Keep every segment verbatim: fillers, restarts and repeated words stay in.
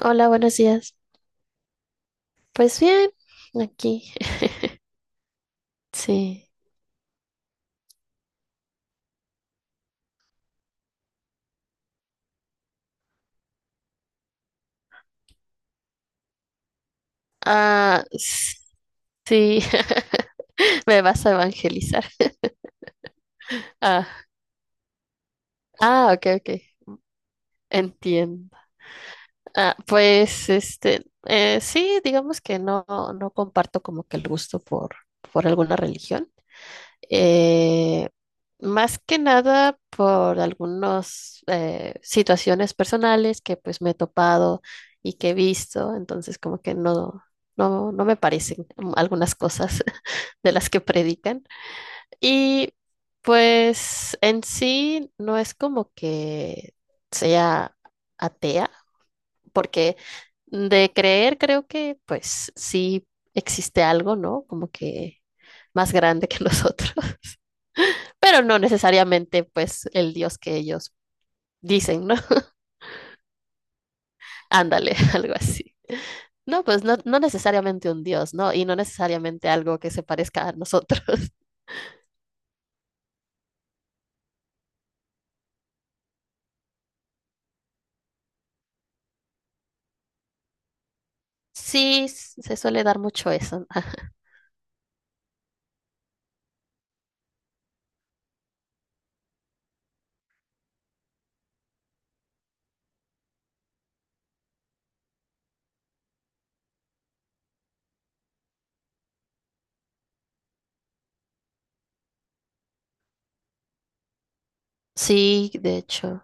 Hola, buenos días. Pues bien, aquí. Sí. Ah, s- sí. Me vas a evangelizar. Ah, ah, ok, ok. Entiendo. Ah, pues este, eh, sí, digamos que no, no comparto como que el gusto por, por alguna religión. eh, Más que nada por algunas situaciones personales que pues me he topado y que he visto, entonces como que no, no, no me parecen algunas cosas de las que predican. Y pues en sí no es como que sea atea, porque de creer creo que pues sí existe algo, ¿no? Como que más grande que nosotros, pero no necesariamente pues el Dios que ellos dicen, ¿no? Ándale, algo así. No, pues no, no necesariamente un Dios, ¿no? Y no necesariamente algo que se parezca a nosotros. Sí, s- se suele dar mucho eso. Sí, de hecho,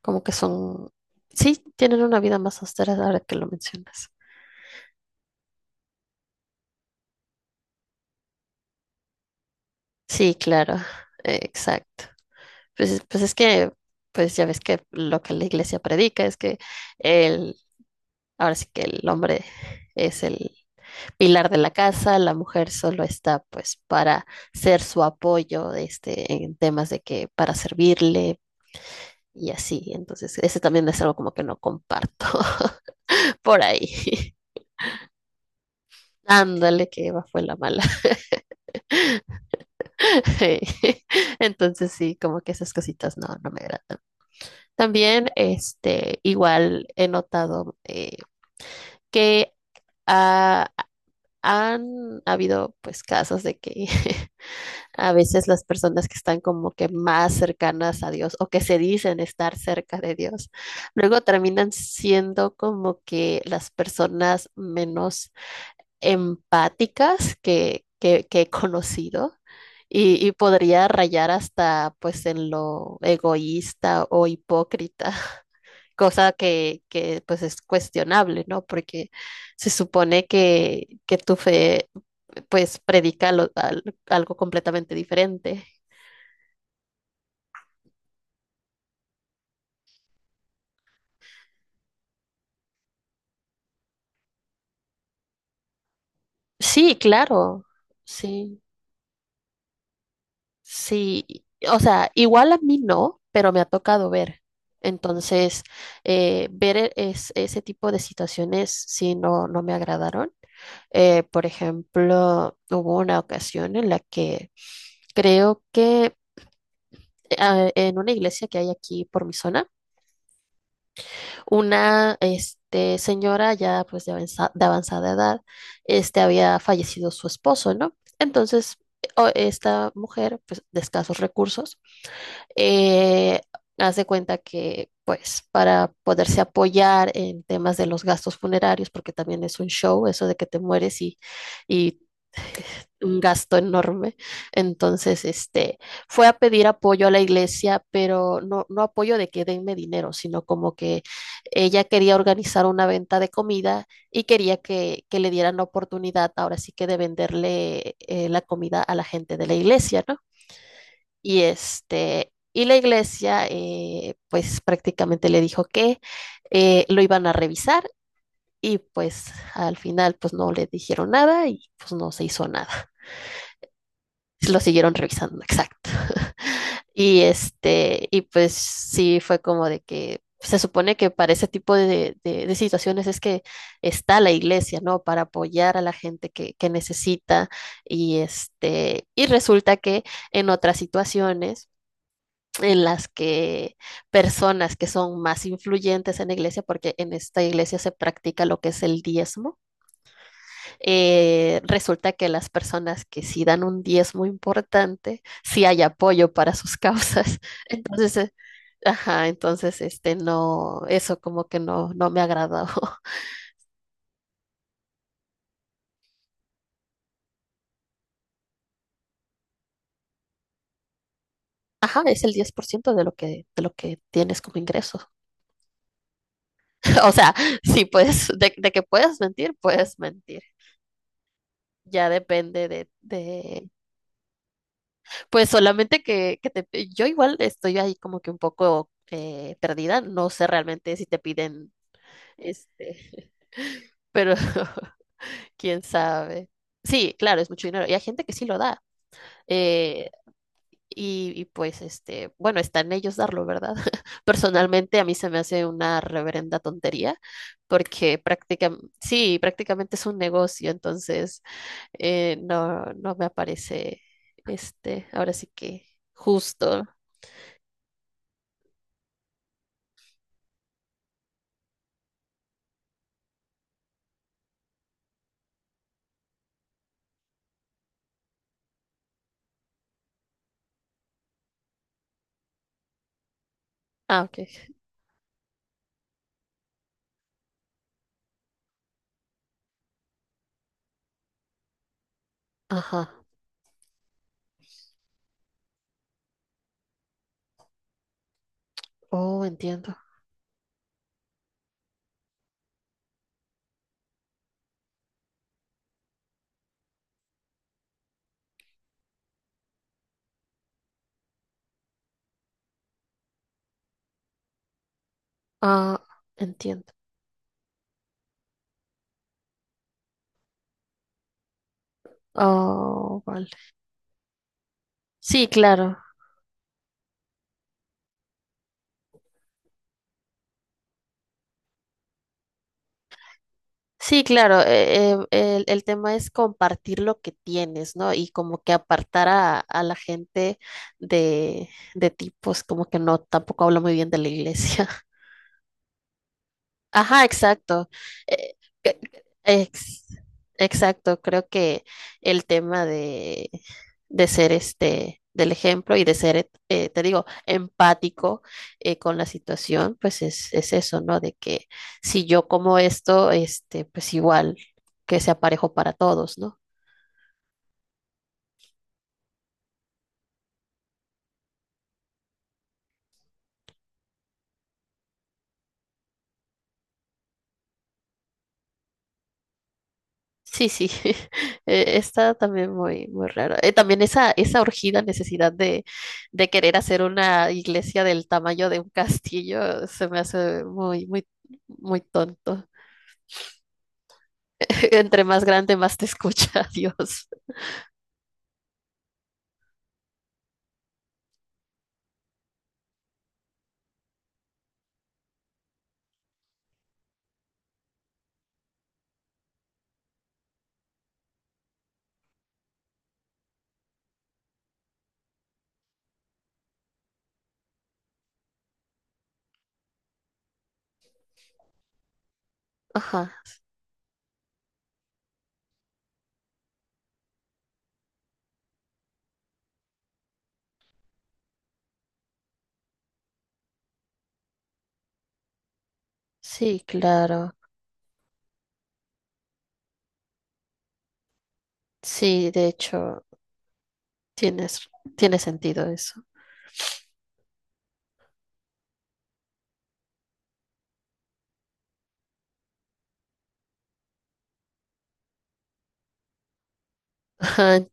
como que son, sí, tienen una vida más austera ahora que lo mencionas. Sí, claro, eh, exacto. Pues, es- pues es que, pues ya ves que lo que la iglesia predica es que el, ahora sí que el hombre es el pilar de la casa, la mujer solo está pues para ser su apoyo, este, en temas de que para servirle y así. Entonces, ese también es algo como que no comparto por ahí. Ándale, que Eva fue la mala. Entonces sí, como que esas cositas no, no me agradan. También, este, igual he notado, eh, que ah, han habido pues casos de que a veces las personas que están como que más cercanas a Dios o que se dicen estar cerca de Dios, luego terminan siendo como que las personas menos empáticas que, que, que he conocido y, y podría rayar hasta pues en lo egoísta o hipócrita, cosa que, que pues es cuestionable, ¿no? Porque se supone que, que tu fe pues predica lo- al- algo completamente diferente. Sí, claro, sí, sí. O sea, igual a mí no, pero me ha tocado ver. Entonces, eh, ver e- es- ese tipo de situaciones sí no, no me agradaron. Eh, por ejemplo, hubo una ocasión en la que creo que ah, en una iglesia que hay aquí por mi zona, una, este, señora ya pues de avanza- de avanzada edad, este, había fallecido su esposo, ¿no? Entonces, o- esta mujer, pues de escasos recursos, eh, hace cuenta que pues para poderse apoyar en temas de los gastos funerarios, porque también es un show eso de que te mueres y, y un gasto enorme. Entonces, este, fue a pedir apoyo a la iglesia, pero no, no apoyo de que denme dinero, sino como que ella quería organizar una venta de comida y quería que, que le dieran la oportunidad, ahora sí que de venderle, eh, la comida a la gente de la iglesia, ¿no? Y este, y la iglesia, eh, pues prácticamente le dijo que eh, lo iban a revisar y pues al final pues no le dijeron nada y pues no se hizo nada, lo siguieron revisando, exacto. Y este, y pues sí fue como de que se supone que para ese tipo de, de- de situaciones es que está la iglesia, ¿no? Para apoyar a la gente que, que necesita y este, y resulta que en otras situaciones en las que personas que son más influyentes en la iglesia, porque en esta iglesia se practica lo que es el diezmo, eh, resulta que las personas que sí dan un diezmo importante, sí hay apoyo para sus causas. Entonces, eh, ajá, entonces, este, no, eso como que no, no me agradó. Ajá, es el diez por ciento de lo que, de lo que tienes como ingreso. O sea, sí puedes, de, de que puedes mentir, puedes mentir. Ya depende de, de, pues solamente que, que te, yo igual estoy ahí como que un poco, eh, perdida. No sé realmente si te piden, este, pero quién sabe. Sí, claro, es mucho dinero. Y hay gente que sí lo da. Eh, y, y pues, este, bueno, está en ellos darlo, ¿verdad? Personalmente a mí se me hace una reverenda tontería, porque prácticamente, sí, prácticamente es un negocio, entonces, eh, no, no me aparece, este, ahora sí que justo. Ah, ok. Ajá. Oh, entiendo. Ah, entiendo. Oh, vale. Sí, claro. Sí, claro, eh, eh, el, el tema es compartir lo que tienes, ¿no? Y como que apartar a, a la gente de, de ti, pues como que no, tampoco hablo muy bien de la iglesia. Ajá, exacto. Eh, eh, ex- exacto, creo que el tema de de ser, este, del ejemplo y de ser, eh, te digo, empático, eh, con la situación, pues es, es eso, ¿no? De que si yo como esto, este, pues igual que sea parejo para todos, ¿no? Sí, sí, eh, está también muy, muy raro. Eh, también esa, esa urgida necesidad de, de querer hacer una iglesia del tamaño de un castillo se me hace muy, muy, muy tonto. Entre más grande, más te escucha Dios. Ajá, sí, claro. Sí, de hecho, tienes, tiene sentido eso. Ajá.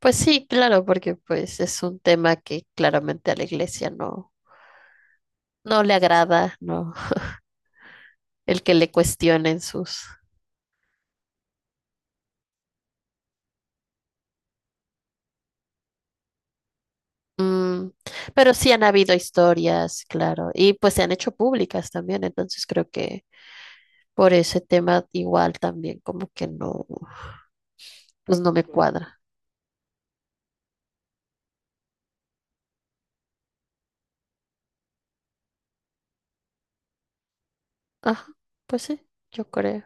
Pues sí, claro, porque pues es un tema que claramente a la iglesia no, no le agrada, no, el que le cuestionen sus. Mm, pero sí han habido historias, claro, y pues se han hecho públicas también, entonces creo que por ese tema igual también como que no, pues no me cuadra. Ajá, pues sí, yo creo.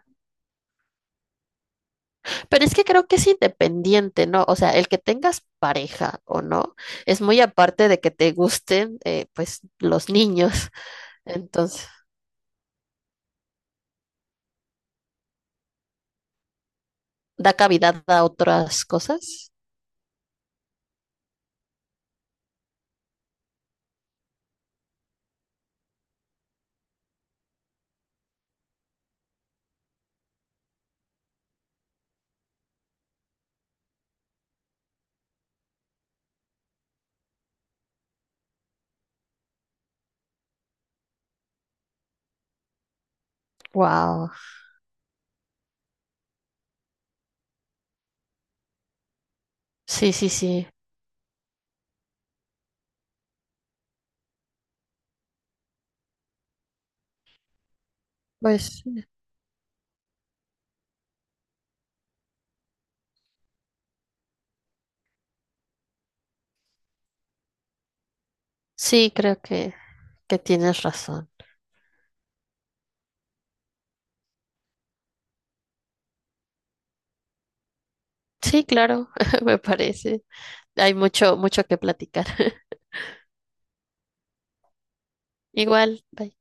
Pero es que creo que es independiente, ¿no? O sea, el que tengas pareja o no, es muy aparte de que te gusten, eh, pues, los niños. Entonces, da cavidad a otras cosas. Wow. Sí, sí, sí. Pues sí, creo que, que tienes razón. Sí, claro, me parece. Hay mucho, mucho que platicar. Igual, bye.